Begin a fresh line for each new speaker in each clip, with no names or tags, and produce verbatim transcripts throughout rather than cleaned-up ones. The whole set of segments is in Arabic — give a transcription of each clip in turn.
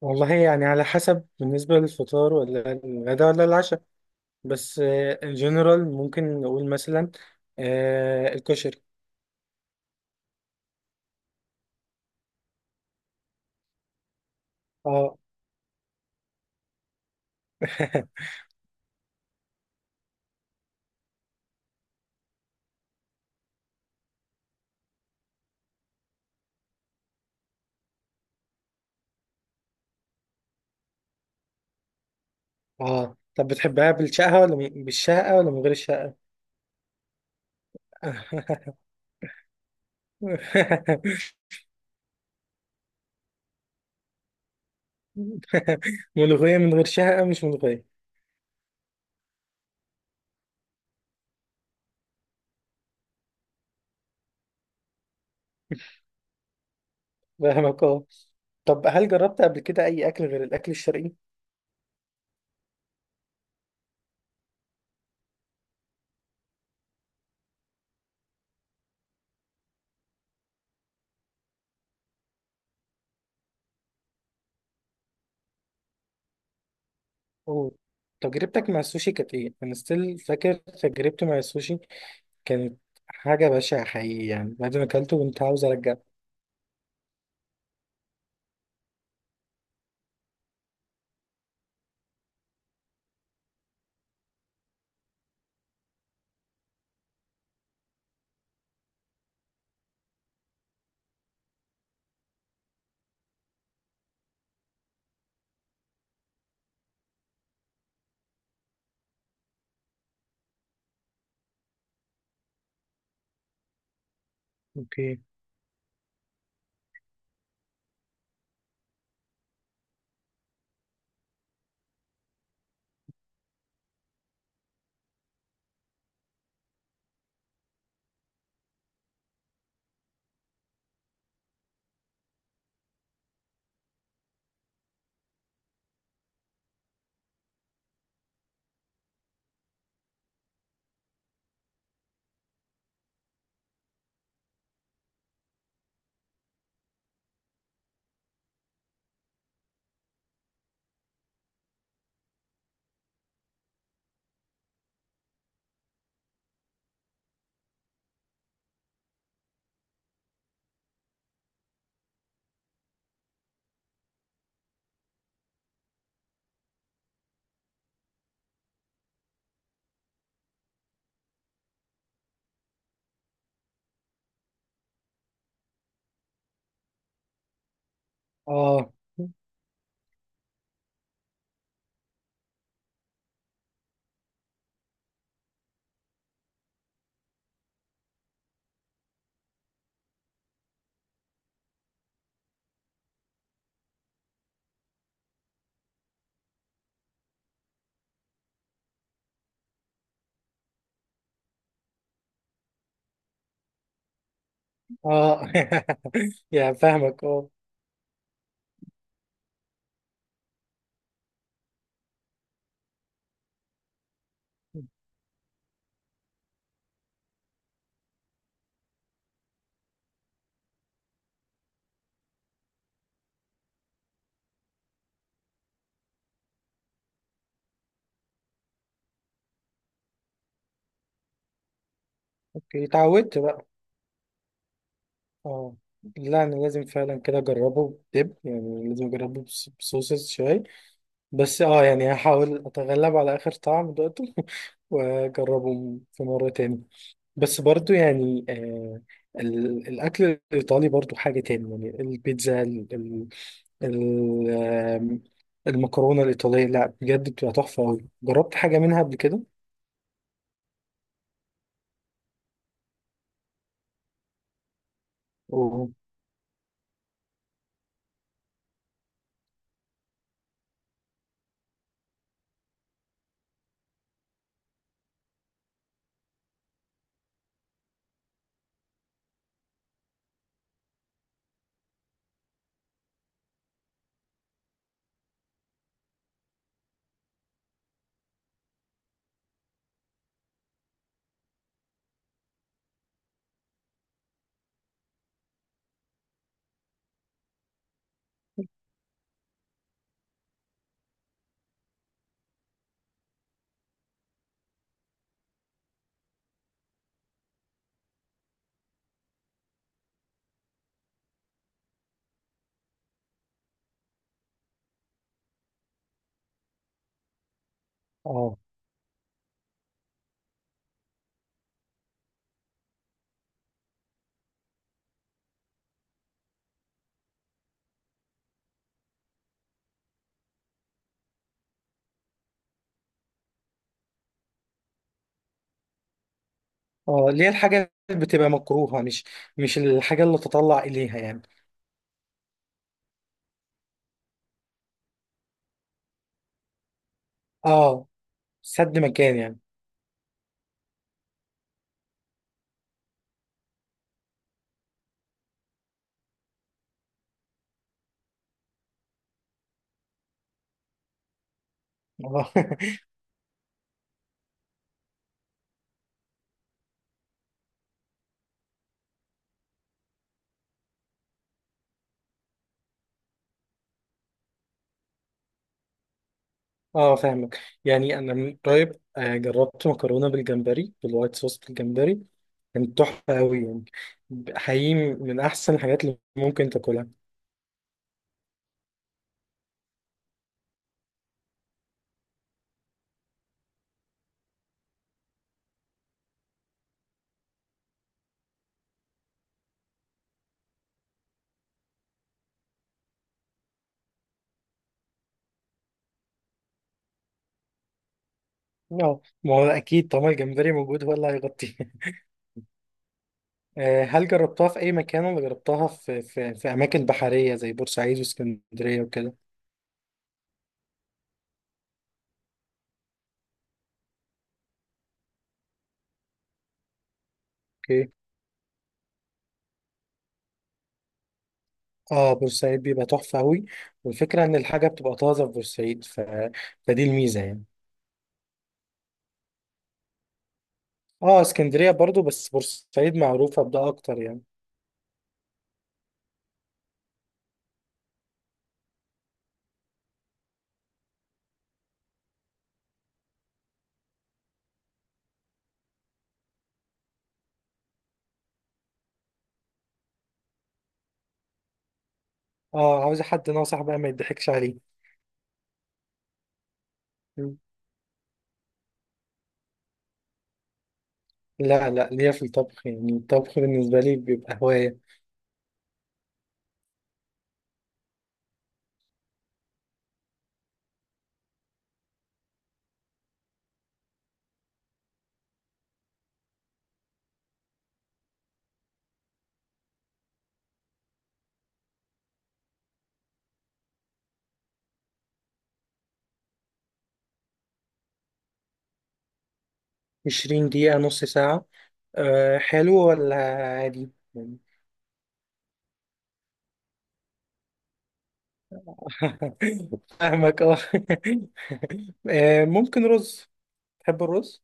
والله يعني على حسب بالنسبة للفطار ولا الغداء ولا العشاء. بس الجنرال ممكن نقول مثلا آه، الكشري. اه. اه، طب بتحبها بالشقة ولا م- بالشقة ولا من غير الشقة؟ ملوخية من غير شقة مش ملوخية. فاهمك اه. طب هل جربت قبل كده أي أكل غير الأكل الشرقي؟ أوه. تجربتك مع السوشي كانت إيه؟ أنا ستيل فاكر تجربتي مع السوشي كانت حاجة بشعة حقيقي يعني بعد ما أكلته كنت عاوز أرجع. اوكي. آه آه. يعني فاهمك آه. أوكي، اتعودت بقى. آه. لا، أنا لازم فعلا كده أجربه بدب يعني لازم أجربه بص- بصوصز شوية. بس آه يعني هحاول أتغلب على آخر طعم دقته وأجربه في مرة تاني. بس برضو يعني آه ال- الأكل الإيطالي برضو حاجة تاني يعني البيتزا، ال- المكرونة الإيطالية لا بجد بتبقى تحفة أوي. جربت حاجة منها قبل كده؟ أوه. اه اه، اللي هي الحاجة اللي بتبقى مكروهة، مش مش الحاجة اللي تطلع إليها يعني. اه، سد مكان يعني. اه اه، فاهمك. يعني أنا من قريب آه، جربت مكرونة بالجمبري بالوايت صوص بالجمبري. كانت تحفة أوي يعني. حقيقي من أحسن الحاجات اللي ممكن تاكلها. اه، ما هو أكيد طالما الجمبري موجود هو اللي هيغطيه. آه، هل جربتها في أي مكان ولا جربتها في في في أماكن بحرية زي بورسعيد واسكندرية وكده؟ اوكي. اه، بورسعيد بيبقى تحفة أوي. والفكرة إن الحاجة بتبقى طازة في بورسعيد ف... فدي الميزة يعني. اه، اسكندرية برضو بس بورسعيد معروفة بده أكتر يعني. اه، عاوز حد ناصح بقى ما يضحكش عليه. مم. لا لا، ليا في الطبخ يعني الطبخ بالنسبة لي بيبقى هواية. عشرين دقيقة نص ساعة. أه، حلو ولا عادي؟ فاهمك اه. آه، ممكن رز. تحب الرز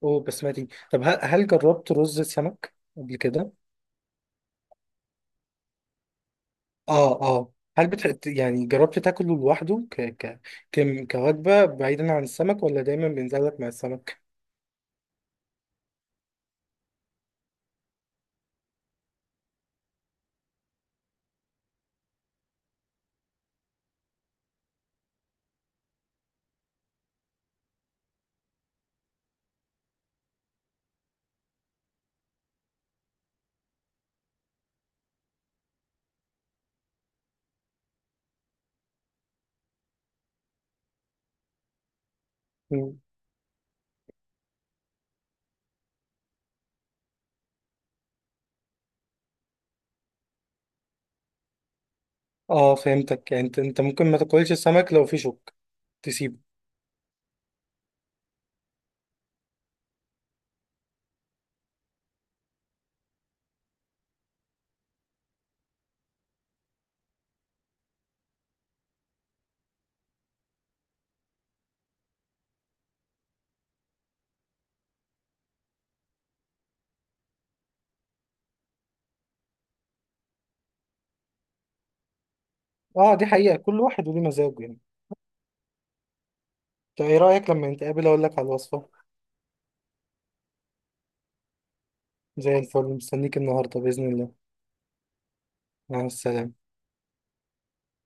وبسمتي؟ طب هل هل جربت رز سمك قبل كده؟ اه اه، هل بتحب يعني جربت تاكله لوحده ك ك كم- كوجبة بعيدا عن السمك ولا دايما بينزل لك مع السمك؟ مم. اه، فهمتك. يعني انت انت ممكن ما تاكلش السمك لو في شوك تسيبه. اه، دي حقيقة، كل واحد وليه مزاجه يعني. طب ايه رأيك لما نتقابل اقول لك على الوصفة؟ زي الفل، مستنيك النهاردة بإذن الله. مع السلامة.